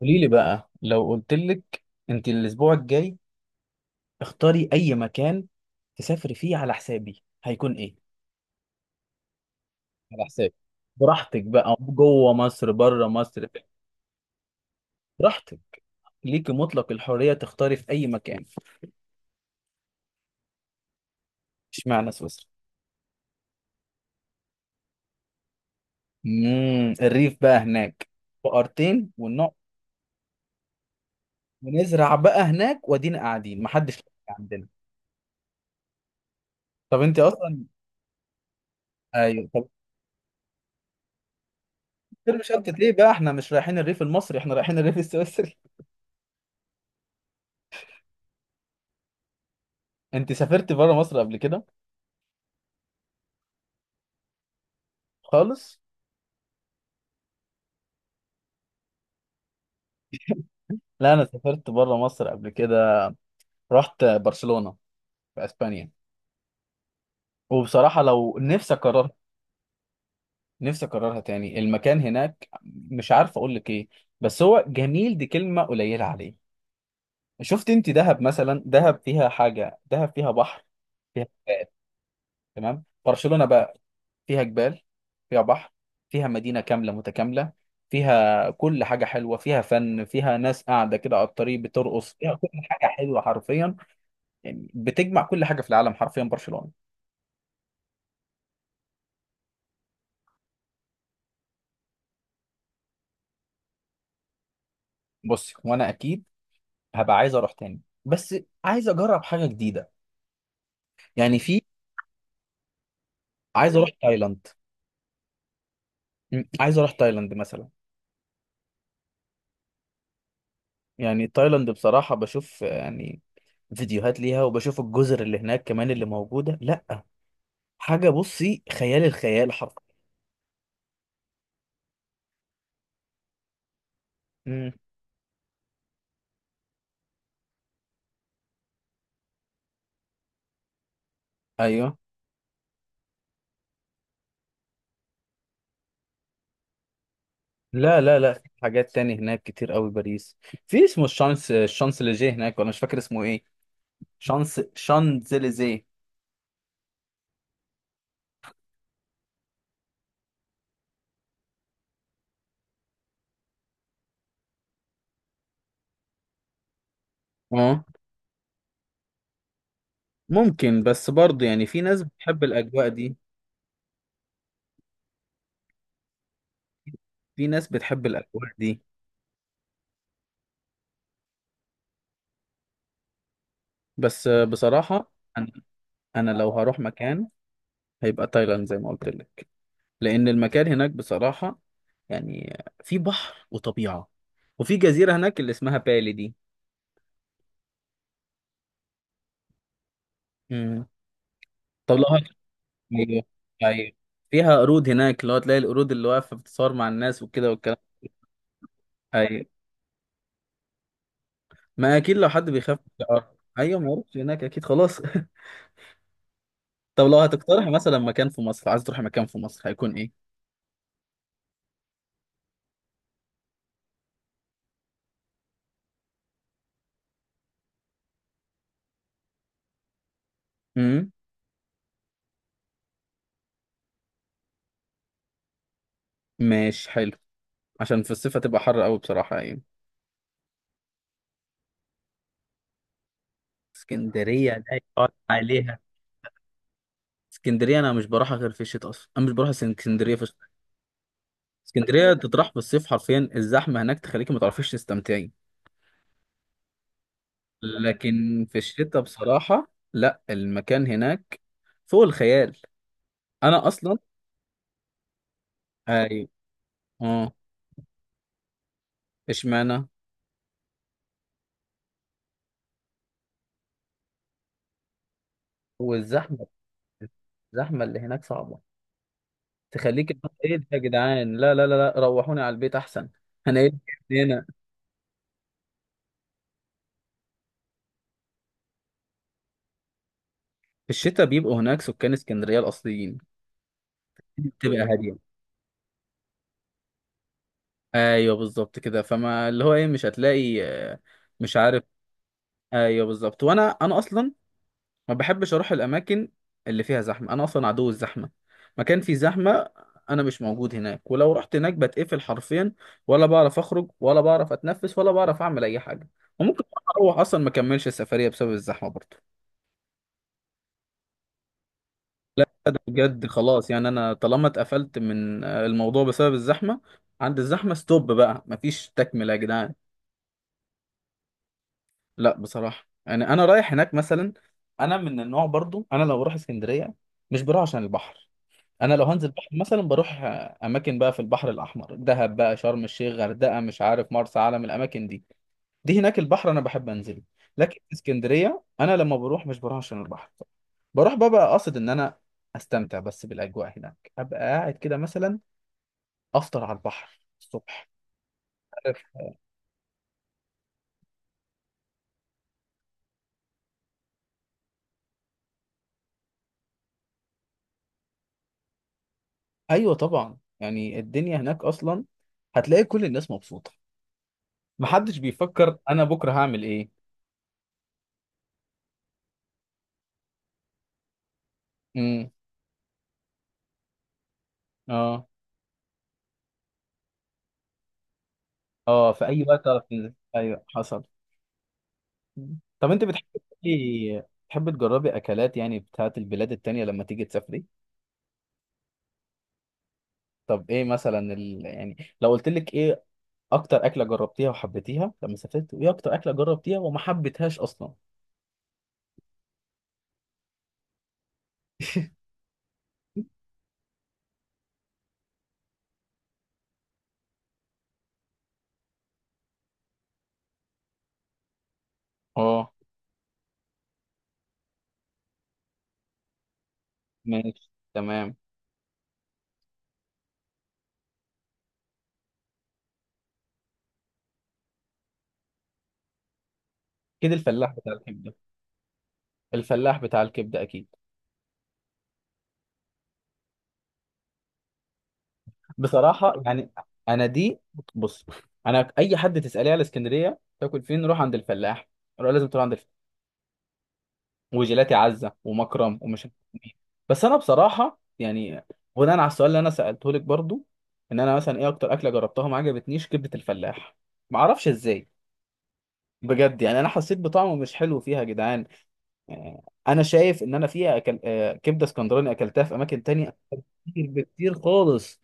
قولي لي بقى، لو قلت لك انت الاسبوع الجاي اختاري اي مكان تسافري فيه على حسابي، هيكون ايه؟ على حسابي. براحتك بقى، جوه مصر بره مصر. براحتك. ليكي مطلق الحرية تختاري في اي مكان. اشمعنى سويسرا؟ الريف بقى هناك. بقرتين ونقعد ونزرع بقى هناك، وادينا قاعدين محدش عندنا. طب انت اصلا. ايوه طب. مش شنطة ليه بقى، احنا مش رايحين الريف المصري، احنا رايحين الريف السويسري. انت سافرت بره مصر قبل كده؟ خالص؟ لا، انا سافرت بره مصر قبل كده. رحت برشلونة في اسبانيا. وبصراحة لو نفسي اكررها، نفسي اكررها تاني. المكان هناك مش عارف اقول لك ايه، بس هو جميل، دي كلمة قليلة عليه. شفت انت دهب مثلا؟ دهب فيها حاجة، دهب فيها بحر، فيها جبال. تمام، برشلونة بقى فيها جبال، فيها بحر، فيها مدينة كاملة متكاملة، فيها كل حاجة حلوة، فيها فن، فيها ناس قاعدة كده على الطريق بترقص، فيها كل حاجة حلوة حرفيا. يعني بتجمع كل حاجه في العالم حرفيا، برشلونه. بص، وانا اكيد هبقى عايز اروح تاني، بس عايز اجرب حاجه جديده. يعني في. عايز اروح تايلاند. عايز اروح تايلاند مثلا. يعني تايلاند بصراحه بشوف يعني فيديوهات ليها، وبشوف الجزر اللي هناك كمان اللي موجوده، لا حاجه، بصي خيال، الخيال حرفيا. م، ايوه. لا لا لا، في حاجات تاني هناك كتير قوي، باريس. في اسمه الشانس، الشانسليزيه هناك، ولا مش فاكر اسمه ايه. شانس شانزليزيه. اه، ممكن بس برضه، يعني في ناس بتحب الأجواء دي. في ناس بتحب الأجواء دي، بس بصراحة أنا أنا لو هروح مكان هيبقى تايلاند زي ما قلت لك، لأن المكان هناك بصراحة يعني في بحر وطبيعة، وفي جزيرة هناك اللي اسمها بالي دي. مم. طب لو أيوه. أيوه، فيها قرود هناك اللي هو تلاقي القرود اللي واقفة بتتصور مع الناس وكده والكلام. أيوه، ما أكيد لو حد بيخاف من الحوار. أيوه ما يروحش هناك أكيد، خلاص. طب لو هتقترحي مثلا مكان في مصر، عايز تروحي مكان في مصر هيكون إيه؟ امم ماشي حلو، عشان في الصيف هتبقى حر قوي بصراحة يعني. اسكندرية لا يقال عليها. اسكندرية انا مش بروحها غير في الشتاء، اصلا انا مش بروح اسكندرية في الشتاء. اسكندرية تطرح في الصيف حرفيا، الزحمة هناك تخليكي ما تعرفيش تستمتعي. لكن في الشتاء بصراحة لا، المكان هناك فوق الخيال. انا اصلا. اي. اه. اشمعنى. والزحمة. الزحمة اللي هناك صعبة تخليك. ايه ده يا جدعان؟ لا لا لا لا، روحوني على البيت احسن. هنعيش. في الشتاء بيبقوا هناك سكان اسكندرية الأصليين، بتبقى هادية. أيوه بالظبط كده. فما اللي هو إيه، مش هتلاقي مش عارف. أيوه بالظبط. وأنا أصلا ما بحبش أروح الأماكن اللي فيها زحمة، أنا أصلا عدو الزحمة. مكان فيه زحمة أنا مش موجود هناك. ولو رحت هناك بتقفل حرفيا، ولا بعرف أخرج ولا بعرف أتنفس ولا بعرف أعمل أي حاجة. وممكن أروح أصلا ما أكملش السفرية بسبب الزحمة برضه. لا ده بجد خلاص، يعني انا طالما اتقفلت من الموضوع بسبب الزحمه، عند الزحمه ستوب بقى، مفيش تكمله يا جدعان. لا بصراحه يعني انا رايح هناك مثلا، انا من النوع برضو، انا لو بروح اسكندريه مش بروح عشان البحر. انا لو هنزل بحر مثلا بروح اماكن بقى في البحر الاحمر، دهب بقى، شرم الشيخ، غردقه، مش عارف مرسى علم، الاماكن دي دي هناك البحر انا بحب انزله. لكن في اسكندريه انا لما بروح مش بروح عشان البحر، بروح بقى قاصد ان انا استمتع بس بالاجواء هناك، ابقى قاعد كده مثلا افطر على البحر الصبح. عارف. ايوه طبعا، يعني الدنيا هناك اصلا هتلاقي كل الناس مبسوطه، محدش بيفكر انا بكره هعمل ايه. امم اه. اه، في اي وقت تعرف تنزل. ايوه حصل. طب انت بتحب تجربي اكلات يعني بتاعت البلاد التانية لما تيجي تسافري؟ طب ايه مثلا يعني لو قلت لك ايه اكتر اكله جربتيها وحبيتيها لما سافرت، وايه اكتر اكله جربتيها وما حبيتهاش اصلا؟ اه، ماشي تمام. كده الفلاح بتاع الحب. الفلاح بتاع الكبده اكيد. بصراحه يعني انا دي. بص، انا اي حد تساليه على اسكندريه تاكل فين، روح عند الفلاح. روح، لازم تروح عند الفلاح. وجيلاتي عزه ومكرم ومش عارف مين. بس انا بصراحه يعني بناء على السؤال اللي انا سالته لك برضو، ان انا مثلا ايه اكتر اكله جربتها ما عجبتنيش، كبده الفلاح. ما اعرفش ازاي. بجد، يعني انا حسيت بطعمه مش حلو فيها يا جدعان. آه، انا شايف ان انا فيها أكل... آه، كبده اسكندراني اكلتها في اماكن تانية كتير بكتير خالص.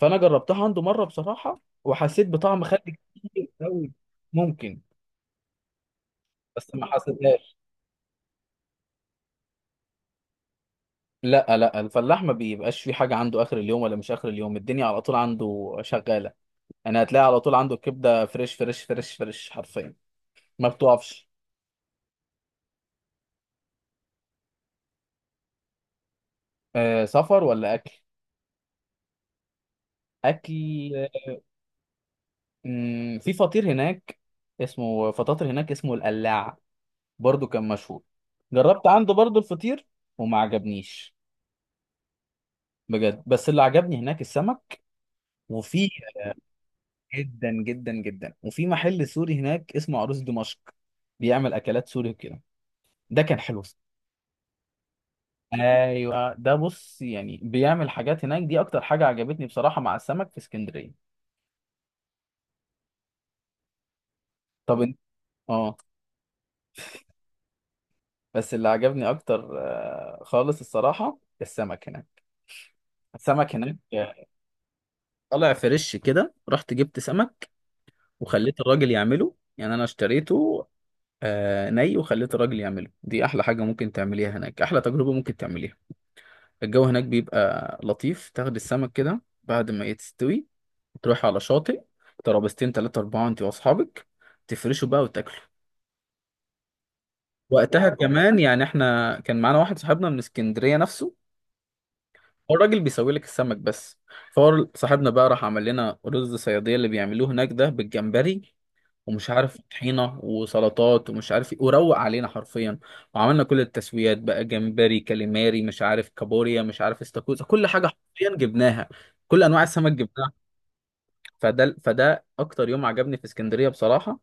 فانا جربتها عنده مره بصراحه، وحسيت بطعم خل كتير قوي. ممكن، بس ما حسيتهاش. لا لا، الفلاح ما بيبقاش في حاجه عنده اخر اليوم، ولا مش اخر اليوم، الدنيا على طول عنده شغاله. انا هتلاقي على طول عنده الكبده فريش فريش فريش فريش حرفيا، ما بتقفش. أه سفر ولا اكل؟ اكل. في فطير هناك اسمه فطاطر، هناك اسمه القلاع، برضو كان مشهور. جربت عنده برضو الفطير وما عجبنيش بجد. بس اللي عجبني هناك السمك. وفي، جدا جدا جدا، وفي محل سوري هناك اسمه عروس دمشق، بيعمل اكلات سوري وكده، ده كان حلو. ايوه ده، بص يعني بيعمل حاجات هناك، دي اكتر حاجه عجبتني بصراحه مع السمك في اسكندريه. طب انت. اه. بس اللي عجبني اكتر خالص الصراحه، السمك هناك. السمك هناك طالع فريش كده، رحت جبت سمك وخليت الراجل يعمله، يعني انا اشتريته ني، وخليت الراجل يعمله. دي احلى حاجه ممكن تعمليها هناك، احلى تجربه ممكن تعمليها. الجو هناك بيبقى لطيف، تاخد السمك كده بعد ما يتستوي، تروح على شاطئ، ترابيزتين تلاتة أربعة أنت وأصحابك، تفرشوا بقى وتاكلوا. وقتها كمان، يعني احنا كان معانا واحد صاحبنا من اسكندرية نفسه، هو الراجل بيسوي لك السمك بس، فهو صاحبنا بقى راح عمل لنا رز صيادية اللي بيعملوه هناك ده بالجمبري، ومش عارف طحينه وسلطات ومش عارف ايه، وروق علينا حرفيا. وعملنا كل التسويات بقى، جمبري كاليماري مش عارف كابوريا مش عارف استاكوزا، كل حاجه حرفيا جبناها، كل انواع السمك جبناها. فده اكتر يوم عجبني في اسكندريه بصراحه.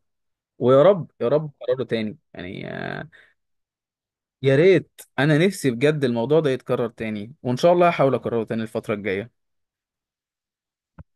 ويا رب يا رب قراره تاني، يعني يا ريت انا نفسي بجد الموضوع ده يتكرر تاني، وان شاء الله هحاول اكرره تاني الفتره الجايه.